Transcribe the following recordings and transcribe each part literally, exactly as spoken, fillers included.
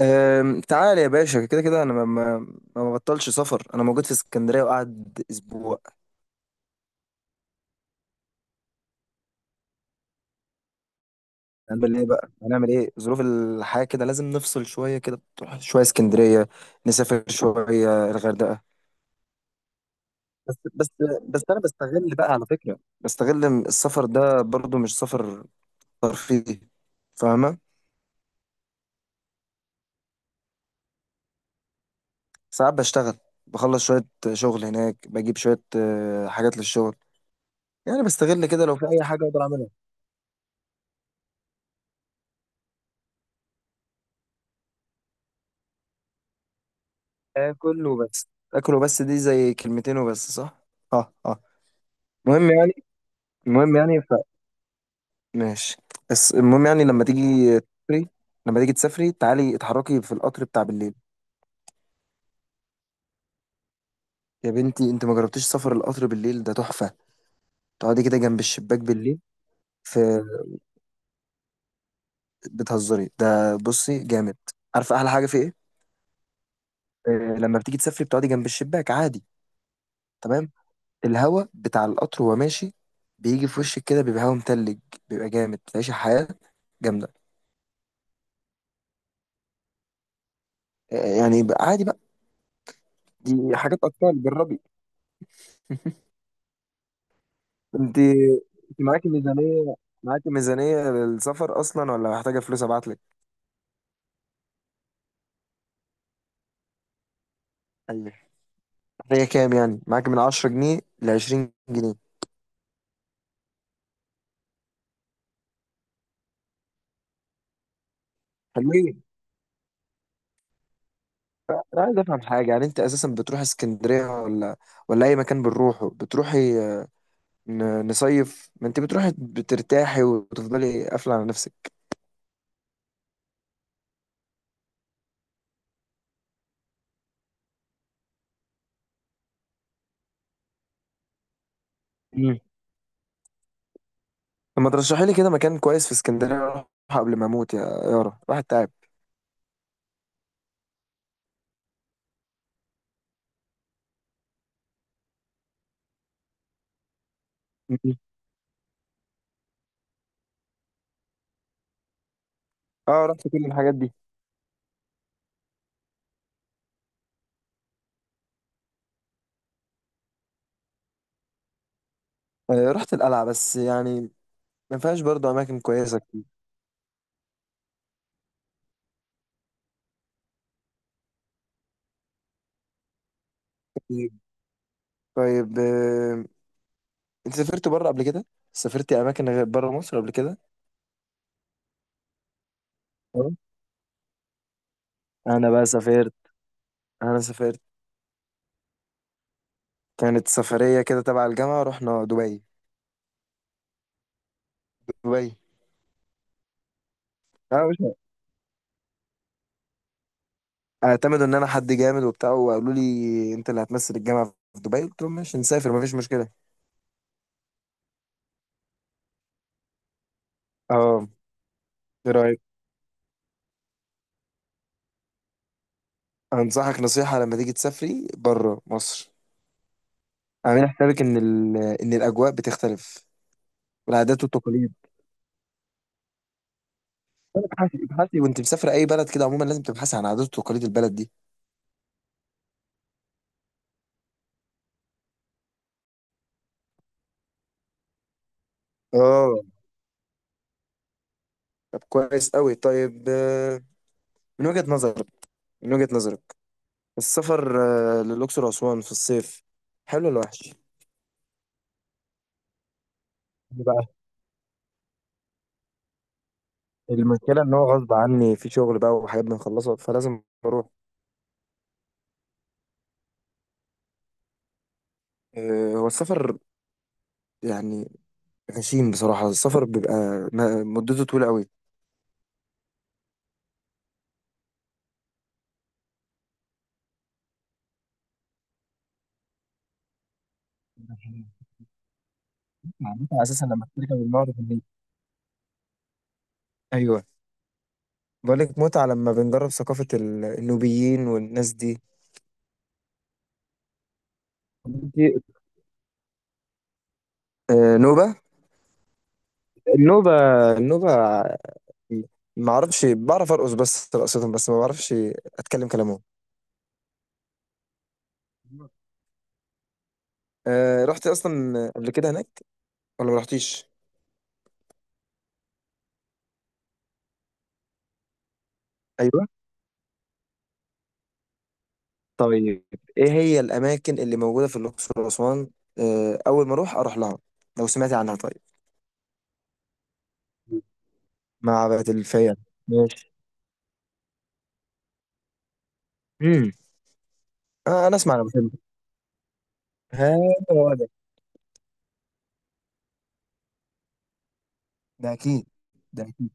أم، تعال يا باشا، كده كده انا ما ما ما ببطلش سفر. انا موجود في اسكندريه وقعد اسبوع. هنعمل ايه بقى هنعمل ايه ظروف الحياه كده، لازم نفصل شويه، كده تروح شويه اسكندريه، نسافر شويه الغردقه. بس بس بس انا بستغل بقى، على فكره، بستغل إن السفر ده برضو مش سفر ترفيهي، فاهمه؟ ساعات بشتغل، بخلص شويه شغل هناك، بجيب شويه آه، حاجات للشغل. يعني بستغل كده لو في اي حاجه اقدر اعملها. اكل وبس. اكل وبس دي زي كلمتين وبس، صح؟ اه، اه. المهم يعني المهم يعني ف ماشي. بس المهم يعني لما تيجي تسافري لما تيجي تسافري تعالي اتحركي في القطر بتاع بالليل. يا بنتي انت ما جربتيش سفر القطر بالليل؟ ده تحفة. تقعدي كده جنب الشباك بالليل. في بتهزري؟ ده بصي جامد. عارفة احلى حاجة في ايه؟ آه، لما بتيجي تسافري بتقعدي جنب الشباك عادي، تمام. الهوا بتاع القطر وهو ماشي بيجي في وشك كده، بيبقى هوا متلج، بيبقى جامد، تعيشي حياة جامدة. يعني بقى عادي بقى، دي حاجات اكتر جربي. انت انت معاكي ميزانيه معاكي ميزانيه للسفر اصلا ولا محتاجه فلوس ابعت لك؟ ايوه، محتاجه كام يعني؟ معاكي من عشر جنيه ل عشرين جنيه؟ حلوين. انا عايز افهم حاجه، يعني انت اساسا بتروح اسكندريه ولا ولا اي مكان بنروحه بتروحي؟ ن- نصيف، ما انت بتروحي بترتاحي وتفضلي قافله على نفسك. مم. طب ما ترشحي لي كده مكان كويس في اسكندريه اروح قبل ما اموت يا يارا، واحد تعب. مم. اه، رحت كل الحاجات دي. آه، رحت القلعة، بس يعني ما فيهاش برضه أماكن كويسة كتير. طيب، طيب، آه، أنت سافرت بره قبل كده؟ سافرتي أماكن غير بره مصر قبل كده؟ أه. أنا بقى سافرت. أنا سافرت. كانت سفرية كده تبع الجامعة، رحنا دبي. دبي. أنا مش... اعتمدوا إن أنا حد جامد وبتاع وقالوا لي أنت اللي هتمثل الجامعة في دبي، قلت لهم ماشي نسافر مفيش مشكلة. أه. إيه رأيك؟ أنصحك نصيحة، لما تيجي تسافري بره مصر اعملي حسابك إن ال... إن الأجواء بتختلف، والعادات والتقاليد. ابحثي، ابحثي وانت مسافرة اي بلد كده عموما لازم تبحثي عن عادات وتقاليد البلد دي. اه. طب كويس قوي. طيب، آه، من وجهة نظرك من وجهة نظرك السفر آه، للأقصر وأسوان في الصيف، حلو ولا وحش؟ ليه بقى؟ المشكلة ان هو غصب عني في شغل بقى وحاجات بنخلصها فلازم اروح. آه، هو السفر يعني غشيم بصراحة، السفر بيبقى م- مدته طويلة قوي. معناتها اساسا لما بتركب المعرض النيل. ايوه. بقولك متعة لما بنجرب ثقافة ال- النوبيين والناس دي. آه، نوبة. النوبة. النوبة. ما اعرفش، بعرف ارقص بس رقصتهم، بس ما بعرفش اتكلم كلامهم. آه، رحت اصلا قبل كده هناك ولا ما رحتيش؟ ايوه. طيب، ايه هي الاماكن اللي موجودة في الاقصر واسوان آه، اول ما اروح اروح لها لو سمعتي عنها؟ طيب. معبد الفيلة. ماشي. امم آه، انا اسمع، انا بحب. ها، هو ده. ده اكيد. ده اكيد.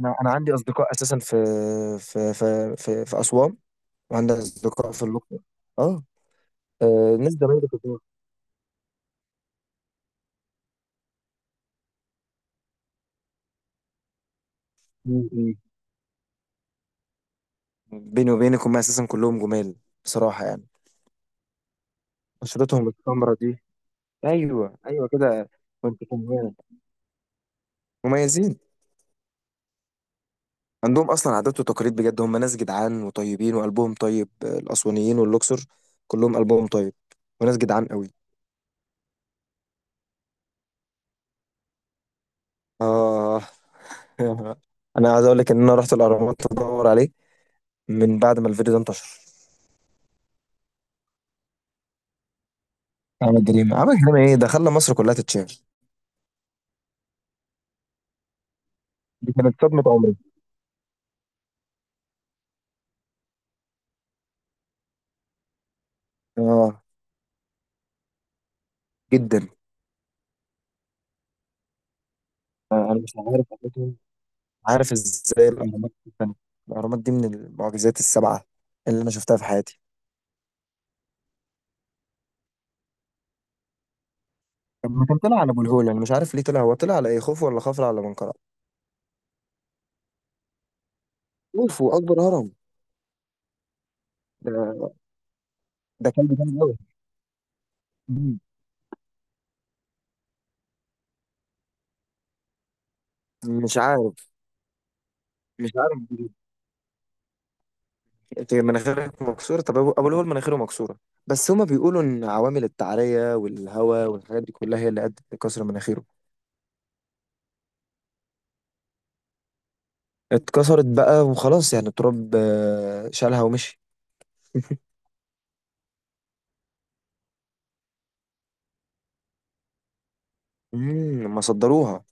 انا انا عندي اصدقاء اساسا في في في في, في, اسوان. وعندك أصدقاء في اللقاء. آه. آه، ناس زمايلي في الدور. م- م. بيني وبينك هم أساسا كلهم جمال، بصراحة يعني. بشرتهم السمرة دي، أيوه، أيوه كده. وأنت فاهمان. مميزين. عندهم أصلا عادات وتقاليد بجد، هم ناس جدعان وطيبين وقلبهم طيب. آه، الأسوانيين واللوكسور كلهم قلبهم طيب وناس جدعان قوي. آه أنا عايز أقول لك إن أنا رحت الأهرامات أدور عليه من بعد ما الفيديو ده انتشر. عمل جريمة، عمل جريمة، إيه ده، خلى مصر كلها تتشهر. دي كانت صدمة عمري. اه، جدا. انا مش عارف أساساً، عارف ازاي الاهرامات دي اتبنت؟ الاهرامات دي من المعجزات السبعه اللي انا شفتها في حياتي. لما كان طلع على ابو الهول، انا مش عارف ليه طلع، هو طلع على ايه، خوفو ولا خفرع ولا منقرع؟ خوفو اكبر هرم. ده ده كان جامد قوي. مم. مش عارف مش عارف بجد. انت مناخيرك مكسوره؟ طب ابو أبو الهول مناخيره مكسوره، بس هما بيقولوا ان عوامل التعريه والهواء والحاجات دي كلها هي اللي ادت لكسر مناخيره. اتكسرت بقى وخلاص يعني، التراب آه، شالها ومشي. امم ما صدروها.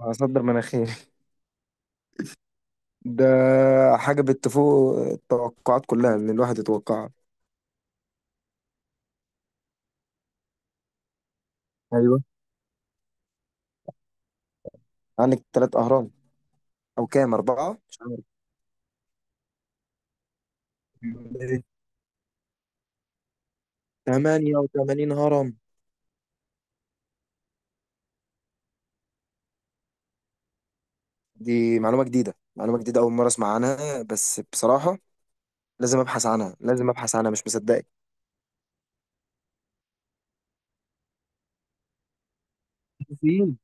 هصدر مناخيري. ده حاجة بتفوق التوقعات كلها اللي الواحد يتوقعها. ايوه. عندك ثلاث أهرام أو كام، أربعة، مش عارف. تمانية وتمانين هرم! دي معلومة جديدة معلومة جديدة أول مرة أسمع عنها. بس بصراحة لازم أبحث عنها لازم أبحث عنها مش مصدقك. فين؟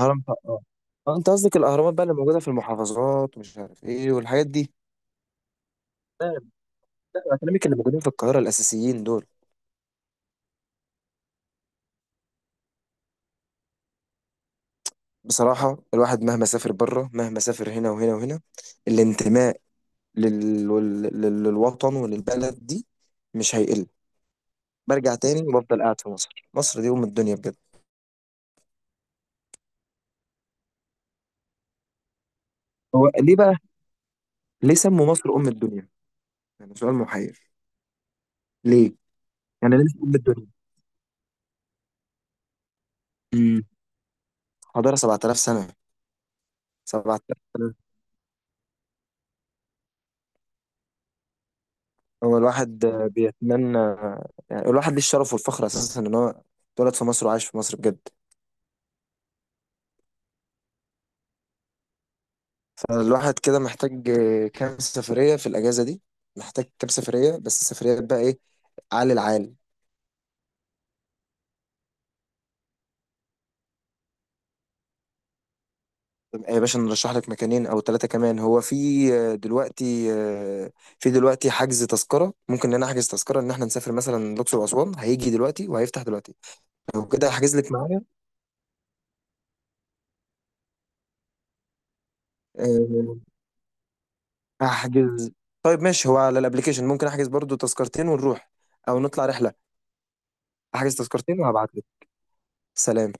هرم طقطقة. اه، انت قصدك الاهرامات بقى اللي موجوده في المحافظات ومش عارف ايه والحاجات دي. لا، لا، انا كلامي كانوا موجودين في القاهره الاساسيين دول. بصراحة الواحد مهما سافر بره، مهما سافر هنا وهنا وهنا، الانتماء لل... لل... للوطن وللبلد دي مش هيقل. برجع تاني وبفضل قاعد في مصر، مصر دي أم الدنيا بجد. هو ليه بقى؟ ليه سموا مصر أم الدنيا؟ يعني سؤال محير. ليه يعني ليه أم الدنيا؟ امم حضارة سبع تلاف سنة، سبع تلاف سنة. هو الواحد آه، بيتمنى، يعني الواحد ليه الشرف والفخر أساسا إن هو اتولد في مصر وعايش في مصر بجد. فالواحد كده محتاج آه، كام سفرية في الأجازة دي، محتاج كام سفرية، بس السفريات بقى إيه؟ عال العال. يا باشا نرشح لك مكانين أو ثلاثة كمان. هو في آه، دلوقتي آه، في دلوقتي حجز تذكرة، ممكن إن أنا أحجز تذكرة إن إحنا نسافر مثلا الأقصر وأسوان، هيجي دلوقتي وهيفتح دلوقتي. لو كده هحجز لك معايا. آه، هحجز. طيب ماشي، هو على الأبليكيشن ممكن أحجز برضو تذكرتين ونروح أو نطلع رحلة. أحجز تذكرتين وهبعت لك. سلام.